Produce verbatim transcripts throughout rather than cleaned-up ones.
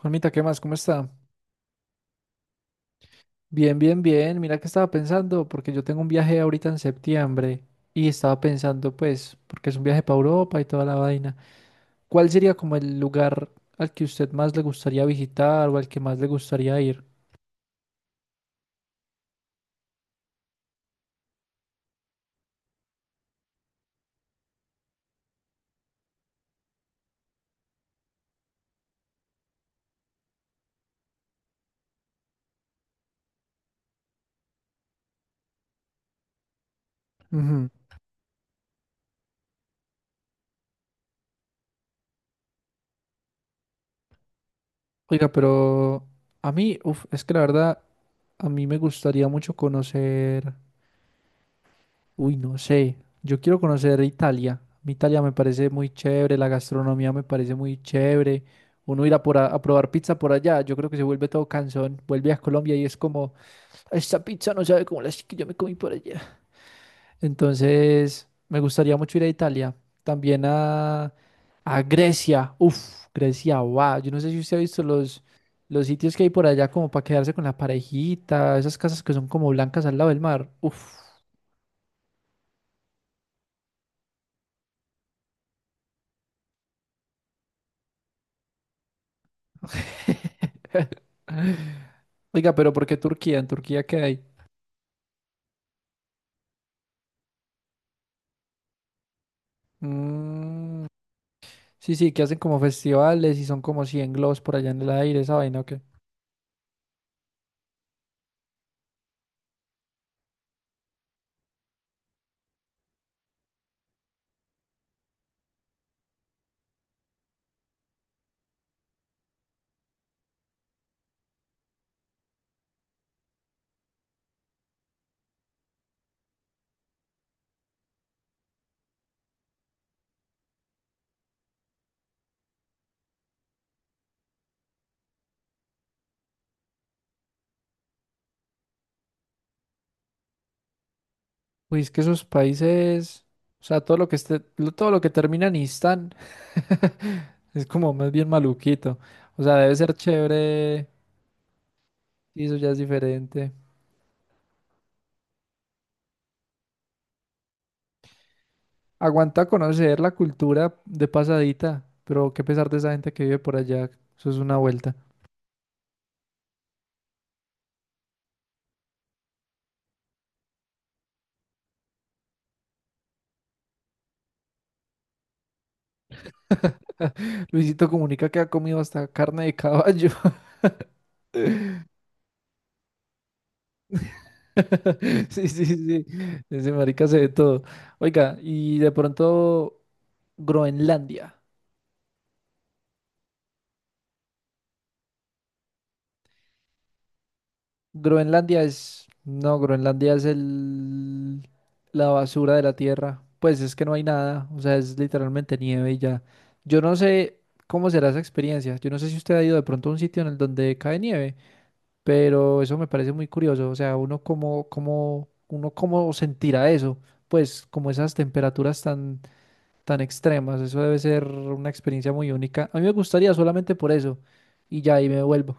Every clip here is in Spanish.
Juanmita, ¿qué más? ¿Cómo está? Bien, bien, bien. Mira que estaba pensando, porque yo tengo un viaje ahorita en septiembre y estaba pensando, pues, porque es un viaje para Europa y toda la vaina. ¿Cuál sería como el lugar al que usted más le gustaría visitar o al que más le gustaría ir? Ujú. Oiga, pero a mí, uf, es que la verdad, a mí me gustaría mucho conocer. Uy, no sé. Yo quiero conocer Italia. Mi Italia me parece muy chévere, la gastronomía me parece muy chévere. Uno irá por a, a probar pizza por allá, yo creo que se vuelve todo cansón. Vuelve a Colombia y es como, esta pizza no sabe como las que yo me comí por allá. Entonces, me gustaría mucho ir a Italia. También a, a Grecia. Uf, Grecia, wow. Yo no sé si usted ha visto los, los sitios que hay por allá como para quedarse con la parejita, esas casas que son como blancas al lado del mar. Uf. Oiga, pero ¿por qué Turquía? ¿En Turquía qué hay? Mm, sí, sí, que hacen como festivales y son como cien globos por allá en el aire, esa vaina, ¿o qué? Pues es que esos países, o sea, todo lo que esté, lo- todo lo que termina en Istán es como más bien maluquito. O sea, debe ser chévere y eso ya es diferente. Aguanta conocer la cultura de pasadita, pero qué pesar de esa gente que vive por allá, eso es una vuelta. Luisito Comunica que ha comido hasta carne de caballo. Sí, sí, sí. Ese marica se ve todo. Oiga, y de pronto Groenlandia. Groenlandia es... No, Groenlandia es el... la basura de la tierra. Pues es que no hay nada. O sea, es literalmente nieve y ya. Yo no sé cómo será esa experiencia. Yo no sé si usted ha ido de pronto a un sitio en el donde cae nieve. Pero eso me parece muy curioso, o sea, uno cómo, cómo, uno cómo sentirá eso, pues como esas temperaturas tan, tan extremas, eso debe ser una experiencia muy única. A mí me gustaría solamente por eso y ya ahí me vuelvo.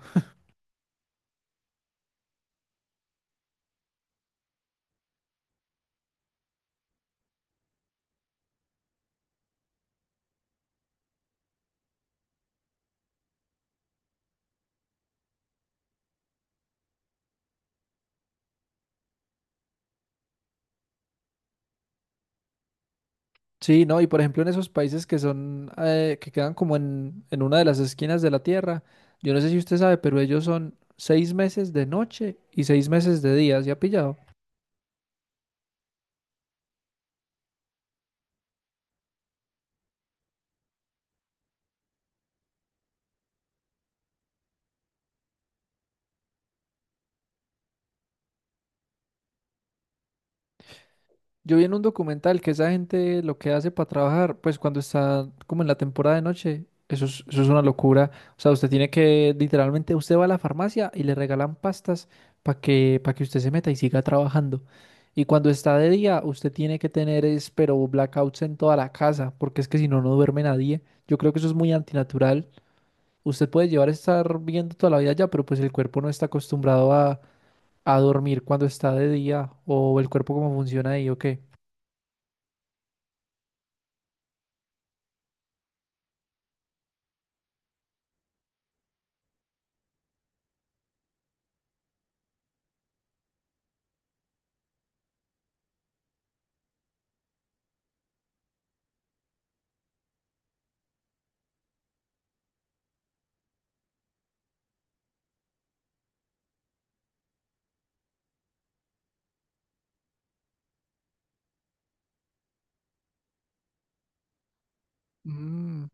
Sí, no, y por ejemplo en esos países que son, eh, que quedan como en, en una de las esquinas de la Tierra, yo no sé si usted sabe, pero ellos son seis meses de noche y seis meses de día, ¿se ha pillado? Yo vi en un documental que esa gente lo que hace para trabajar, pues cuando está como en la temporada de noche, eso es, eso es una locura. O sea, usted tiene que, literalmente, usted va a la farmacia y le regalan pastas para que, para que usted se meta y siga trabajando. Y cuando está de día, usted tiene que tener, es, pero blackouts en toda la casa, porque es que si no, no duerme nadie. Yo creo que eso es muy antinatural. Usted puede llevar a estar viendo toda la vida ya, pero pues el cuerpo no está acostumbrado a, a dormir cuando está de día, o el cuerpo cómo funciona ahí, ¿o qué? Mm,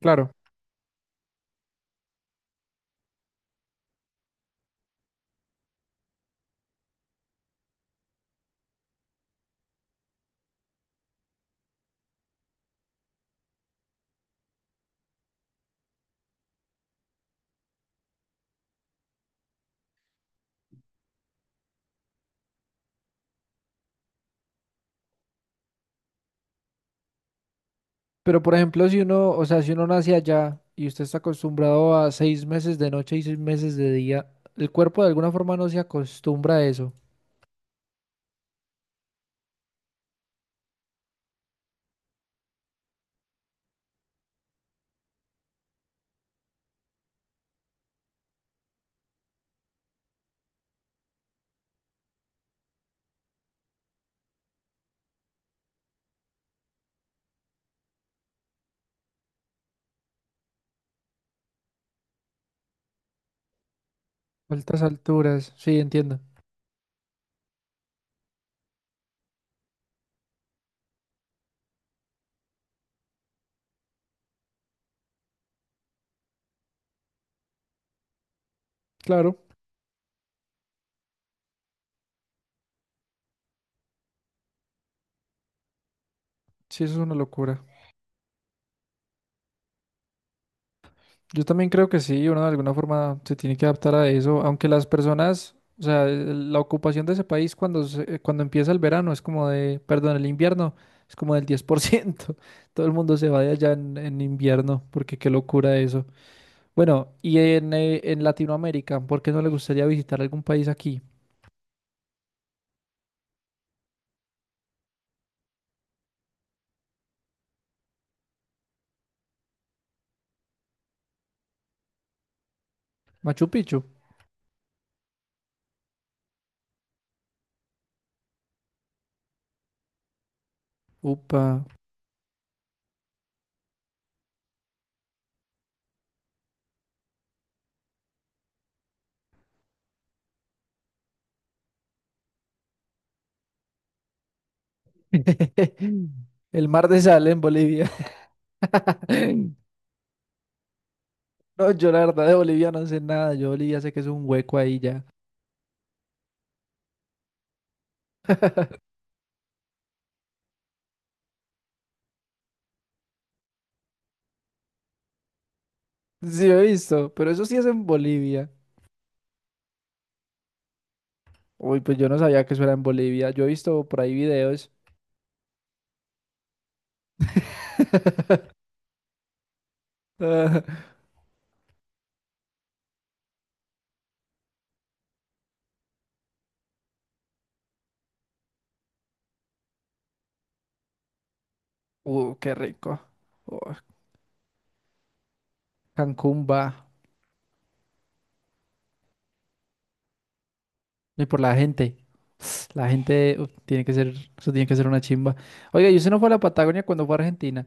claro, pero por ejemplo, si uno, o sea, si uno nace allá y usted está acostumbrado a seis meses de noche y seis meses de día, el cuerpo de alguna forma no se acostumbra a eso. Altas alturas, sí, entiendo. Claro, sí, eso es una locura. Yo también creo que sí, uno de alguna forma se tiene que adaptar a eso, aunque las personas, o sea, el- la ocupación de ese país cuando, se- cuando empieza el verano es como de, perdón, el invierno es como del diez por ciento. Todo el mundo se va de allá en, en invierno, porque qué locura eso. Bueno, y en, eh, en Latinoamérica, ¿por qué no le gustaría visitar algún país aquí? Machu Picchu. Upa. El mar de sal en Bolivia. No, yo la verdad de Bolivia no sé nada. Yo Bolivia sé que es un hueco ahí ya. Sí, he visto, pero eso sí es en Bolivia. Uy, pues yo no sabía que eso era en Bolivia. Yo he visto por ahí videos. Ah, uh, qué rico. Oh, Cancún va. No, y por la gente. La gente uf, tiene que ser, eso tiene que ser una chimba. Oiga, ¿y usted no fue a la Patagonia cuando fue a Argentina?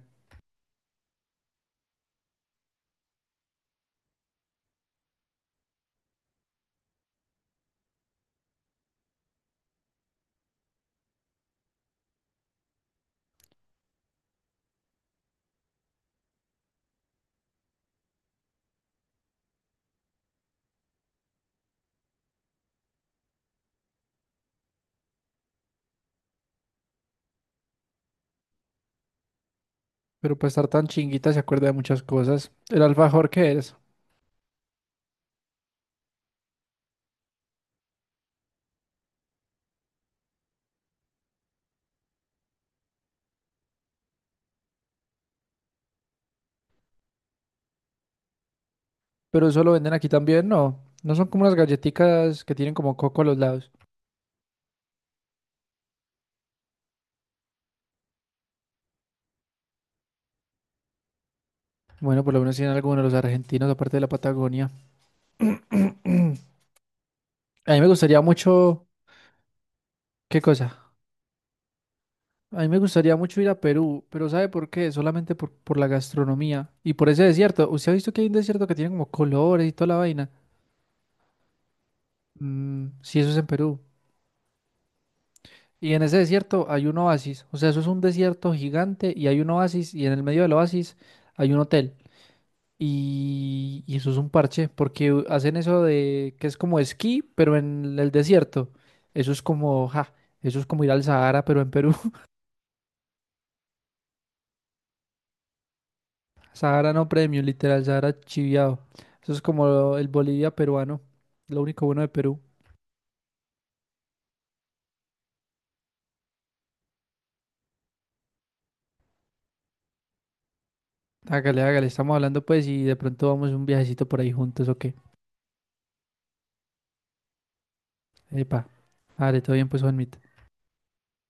Pero para estar tan chinguita se acuerda de muchas cosas. El alfajor, que es? Pero eso lo venden aquí también, ¿no? ¿No son como unas galletitas que tienen como coco a los lados? Bueno, por lo menos tienen algunos los argentinos, aparte de la Patagonia. A mí me gustaría mucho... ¿Qué cosa? A mí me gustaría mucho ir a Perú, pero ¿sabe por qué? Solamente por, por la gastronomía y por ese desierto. ¿Usted ha visto que hay un desierto que tiene como colores y toda la vaina? Mm, sí, eso es en Perú. Y en ese desierto hay un oasis. O sea, eso es un desierto gigante y hay un oasis y en el medio del oasis hay un hotel. Y, y eso es un parche porque u- hacen eso de que es como esquí, pero en el desierto. Eso es como, ja, eso es como ir al Sahara, pero en Perú. Sahara no premium, literal, Sahara chiviado. Eso es como el Bolivia peruano. Lo único bueno de Perú. Hágale, hágale, estamos hablando pues y de pronto vamos un viajecito por ahí juntos, ¿o qué? Epa. Vale, todo bien pues, Juanmita.